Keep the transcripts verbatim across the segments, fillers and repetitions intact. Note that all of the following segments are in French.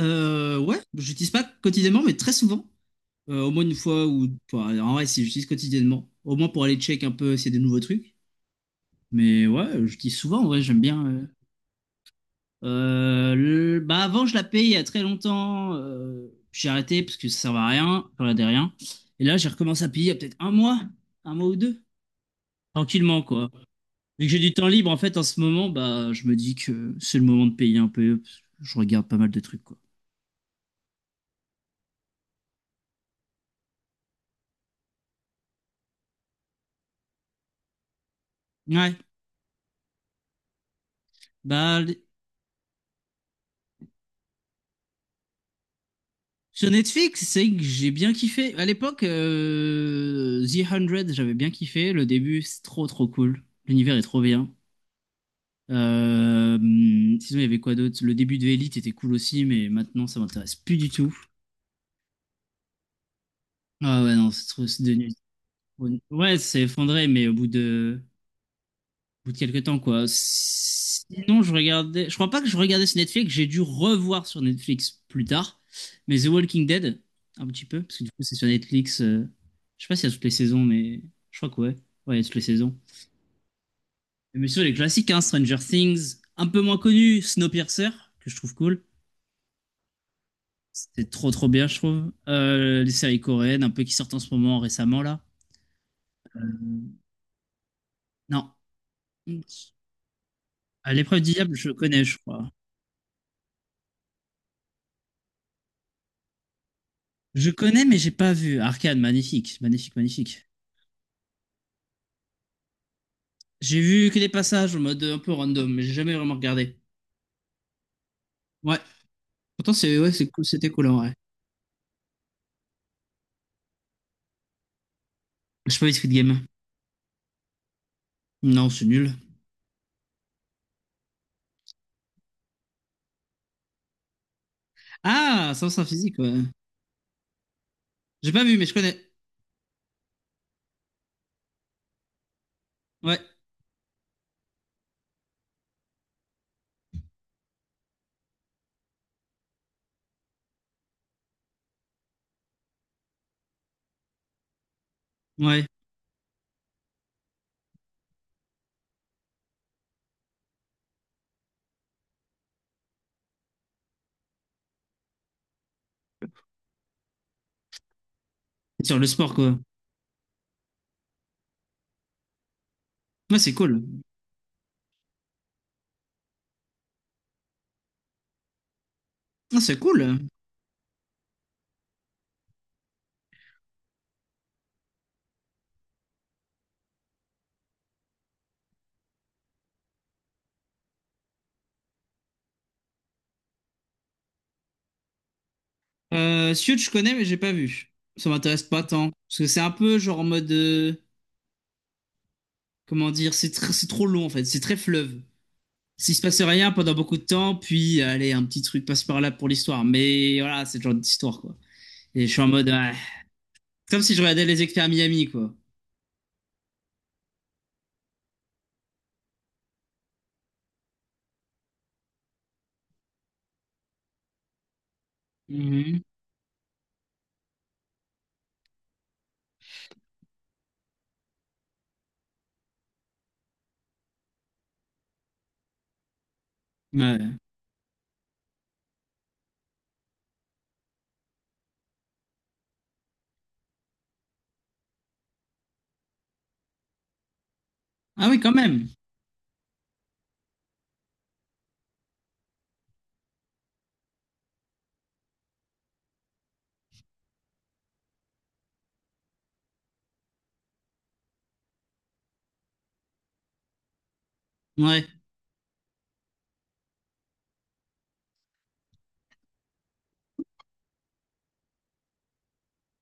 Euh, ouais, j'utilise pas quotidiennement, mais très souvent. Euh, au moins une fois ou. Enfin, en vrai, si j'utilise quotidiennement. Au moins pour aller check un peu s'il y a des nouveaux trucs. Mais ouais, j'utilise souvent, ouais, j'aime bien. euh. Euh, le- Bah, avant, je la payais il y a très longtemps. euh, J'ai arrêté parce que ça servait à rien. Ça Je regardais rien. Et là, j'ai recommencé à payer il y a peut-être un mois, un mois ou deux. Tranquillement, quoi. Vu que j'ai du temps libre, en fait, en ce moment, bah, je me dis que c'est le moment de payer un peu, parce que je regarde pas mal de trucs, quoi. Ouais. Bah, sur Netflix, c'est que j'ai bien kiffé. À l'époque, euh, The one hundred, j'avais bien kiffé. Le début, c'est trop trop cool. L'univers est trop bien. Euh, Sinon, il y avait quoi d'autre? Le début de Elite était cool aussi, mais maintenant, ça m'intéresse plus du tout. Ah ouais, non, c'est trop- c'est devenu... Ouais, c'est effondré, mais au bout de... bout de quelques temps, quoi. Sinon, je regardais. Je crois pas que je regardais sur Netflix. J'ai dû revoir sur Netflix plus tard. Mais The Walking Dead, un petit peu, parce que du coup, c'est sur Netflix. euh, Je sais pas s'il y a toutes les saisons, mais je crois que ouais. Ouais, il y a toutes les saisons. Mais sur les classiques, hein, Stranger Things, un peu moins connu, Snowpiercer, que je trouve cool. C'est trop trop bien, je trouve. Euh, les séries coréennes, un peu qui sortent en ce moment récemment là. Euh, Non. À l'épreuve du diable, je connais, je crois. Je connais, mais j'ai pas vu. Arcane, magnifique, magnifique, magnifique. J'ai vu que des passages en mode un peu random, mais j'ai jamais vraiment regardé. Ouais. Pourtant, c'est, ouais, c'est cool, c'était cool, en vrai. J'ai pas vu Squid Game. Non, c'est nul. Ah, ça, c'est un physique, ouais. J'ai pas vu, mais je connais. Ouais, ouais. C'est sur le sport, quoi. Ouais, c'est cool. Ah, c'est cool. Euh, Suits, je connais, mais j'ai pas vu. Ça m'intéresse pas tant. Parce que c'est un peu genre en mode, euh, comment dire? C'est tr- c'est trop long, en fait. C'est très fleuve. S'il se passe rien pendant beaucoup de temps, puis euh, allez, un petit truc passe par là pour l'histoire. Mais voilà, c'est le genre d'histoire, quoi. Et je suis en mode, ouais. Comme si je regardais les experts Miami, quoi. Mhm. Ouais. Ah oui, quand même. Ouais,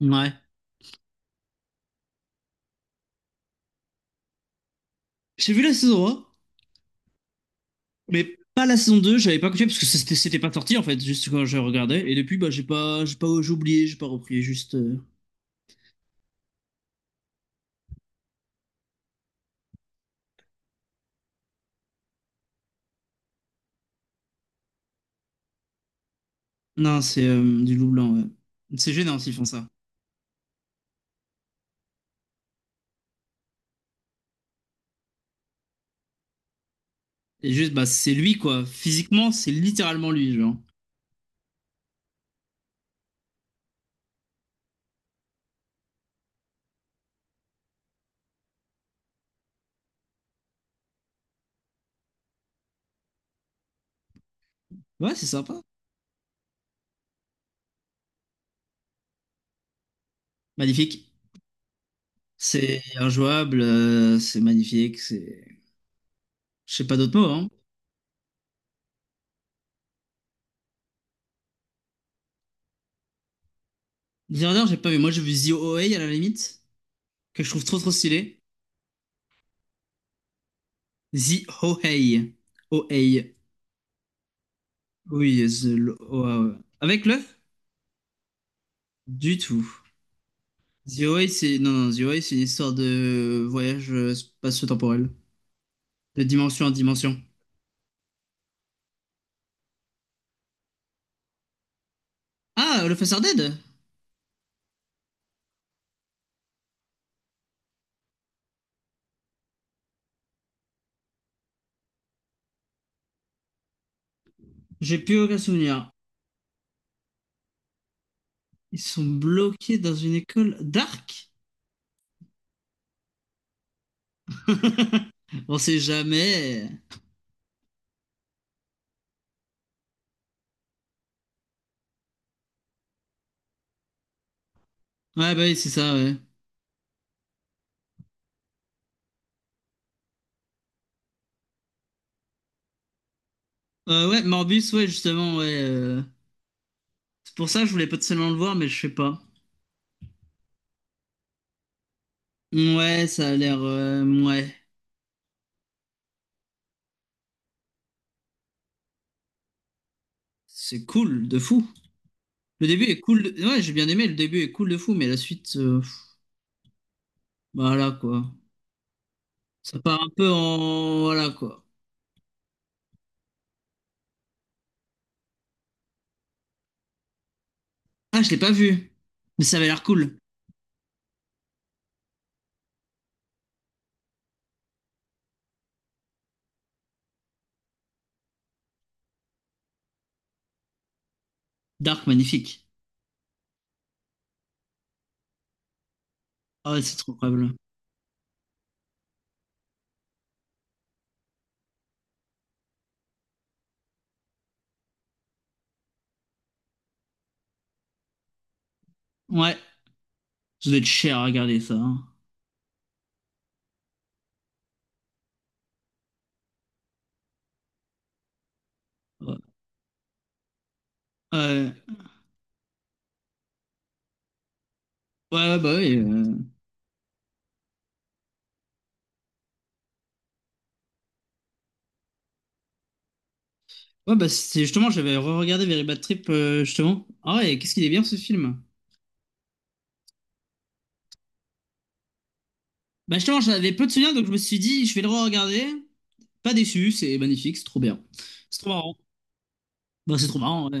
ouais. J'ai vu la saison un, mais pas la saison deux. J'avais pas continué parce que c'était c'était pas sorti en fait, juste quand je regardais. Et depuis, bah, j'ai pas, j'ai pas, j'ai oublié, j'ai pas repris, juste. euh, Non, c'est euh, du loup blanc, ouais. C'est gênant s'ils font ça. Et juste, bah, c'est lui, quoi. Physiquement, c'est littéralement lui, genre. Ouais, c'est sympa. Magnifique. C'est injouable, euh, c'est magnifique, c'est... Je sais pas d'autres mots, hein. Dishardeur, j'ai pas vu. Moi, j'ai vu The Ohei à la limite, que je trouve trop trop stylé. The Ohei. Ohei. Oui, the... le- oh, ah ouais. Avec le? Du tout. The Ohei, c'est... Non, non, The Ohei, c'est une histoire de voyage euh, spatio-temporel. De dimension en dimension. Ah, le Face Dead? J'ai plus aucun souvenir. Ils sont bloqués dans une école dark? On sait jamais. Ouais, bah oui, c'est ça, ouais. Euh, ouais, Morbius, ouais, justement, ouais. euh, C'est pour ça que je voulais potentiellement le voir, mais je sais pas. Ouais, ça a l'air. Euh, ouais. C'est cool, de fou. Le début est cool. de- Ouais, j'ai bien aimé, le début est cool de fou, mais la suite, euh, pff, voilà quoi. Ça part un peu en. Voilà quoi. Ah, je l'ai pas vu. Mais ça avait l'air cool. Dark, magnifique. Ah, ouais, c'est trop incroyable. Ouais, ça doit être cher à regarder ça, hein. Ouais, ouais, ouais, ouais, bah oui. euh. Ouais, bah c'est justement, j'avais re-regardé Very Bad Trip, euh, justement. Ah ouais, qu'est-ce qu'il est bien ce film. Bah justement, j'en avais peu de souvenirs, donc je me suis dit, je vais le re-regarder. Pas déçu, c'est magnifique, c'est trop bien. C'est trop marrant. Bah, c'est trop marrant, ouais.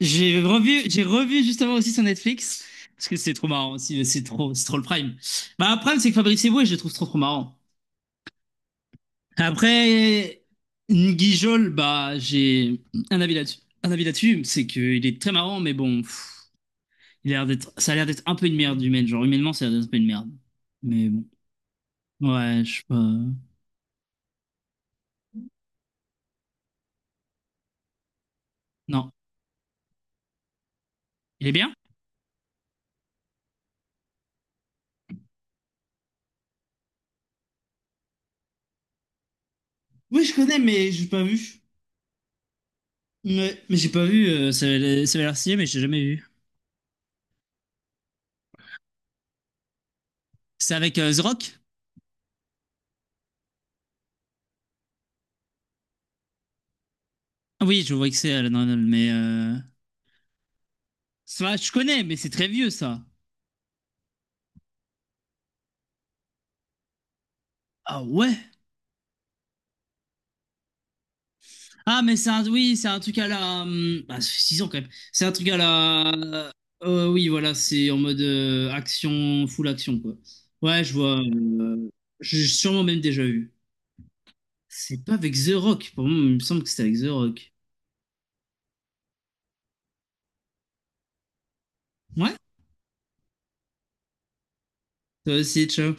J'ai revu, j'ai revu justement aussi sur Netflix, parce que c'est trop marrant aussi, c'est trop, c'est trop le prime. Bah, le prime, c'est que Fabrice Eboué, je le trouve trop trop marrant. Après, Nguijol, bah, j'ai un avis là-dessus. Un avis là-dessus, c'est qu'il est très marrant, mais bon, pff, il a l'air d'être, ça a l'air d'être un peu une merde humaine. Genre, humainement, ça a l'air d'être un peu une merde. Mais bon, ouais, je sais pas. Non. Il est bien? Oui, je connais, mais j'ai pas vu. Mais, mais j'ai pas vu, euh, ça avait ça avait l'air stylé, mais j'ai jamais vu. C'est avec euh, The Rock? Ah oui, je vois que c'est Alan Arnold, mais... Euh... Ça, je connais, mais c'est très vieux, ça. Ah ouais? Ah, mais c'est un... Oui, c'est un truc à la... hum, Bah, ça fait six ans, quand même. C'est un truc à la... euh, oui, voilà, c'est en mode euh, action, full action, quoi. Ouais, je vois. euh, J'ai sûrement même déjà vu. C'est pas avec The Rock. Pour moi, il me semble que c'était avec The Rock. Ouais? Toi aussi, ciao.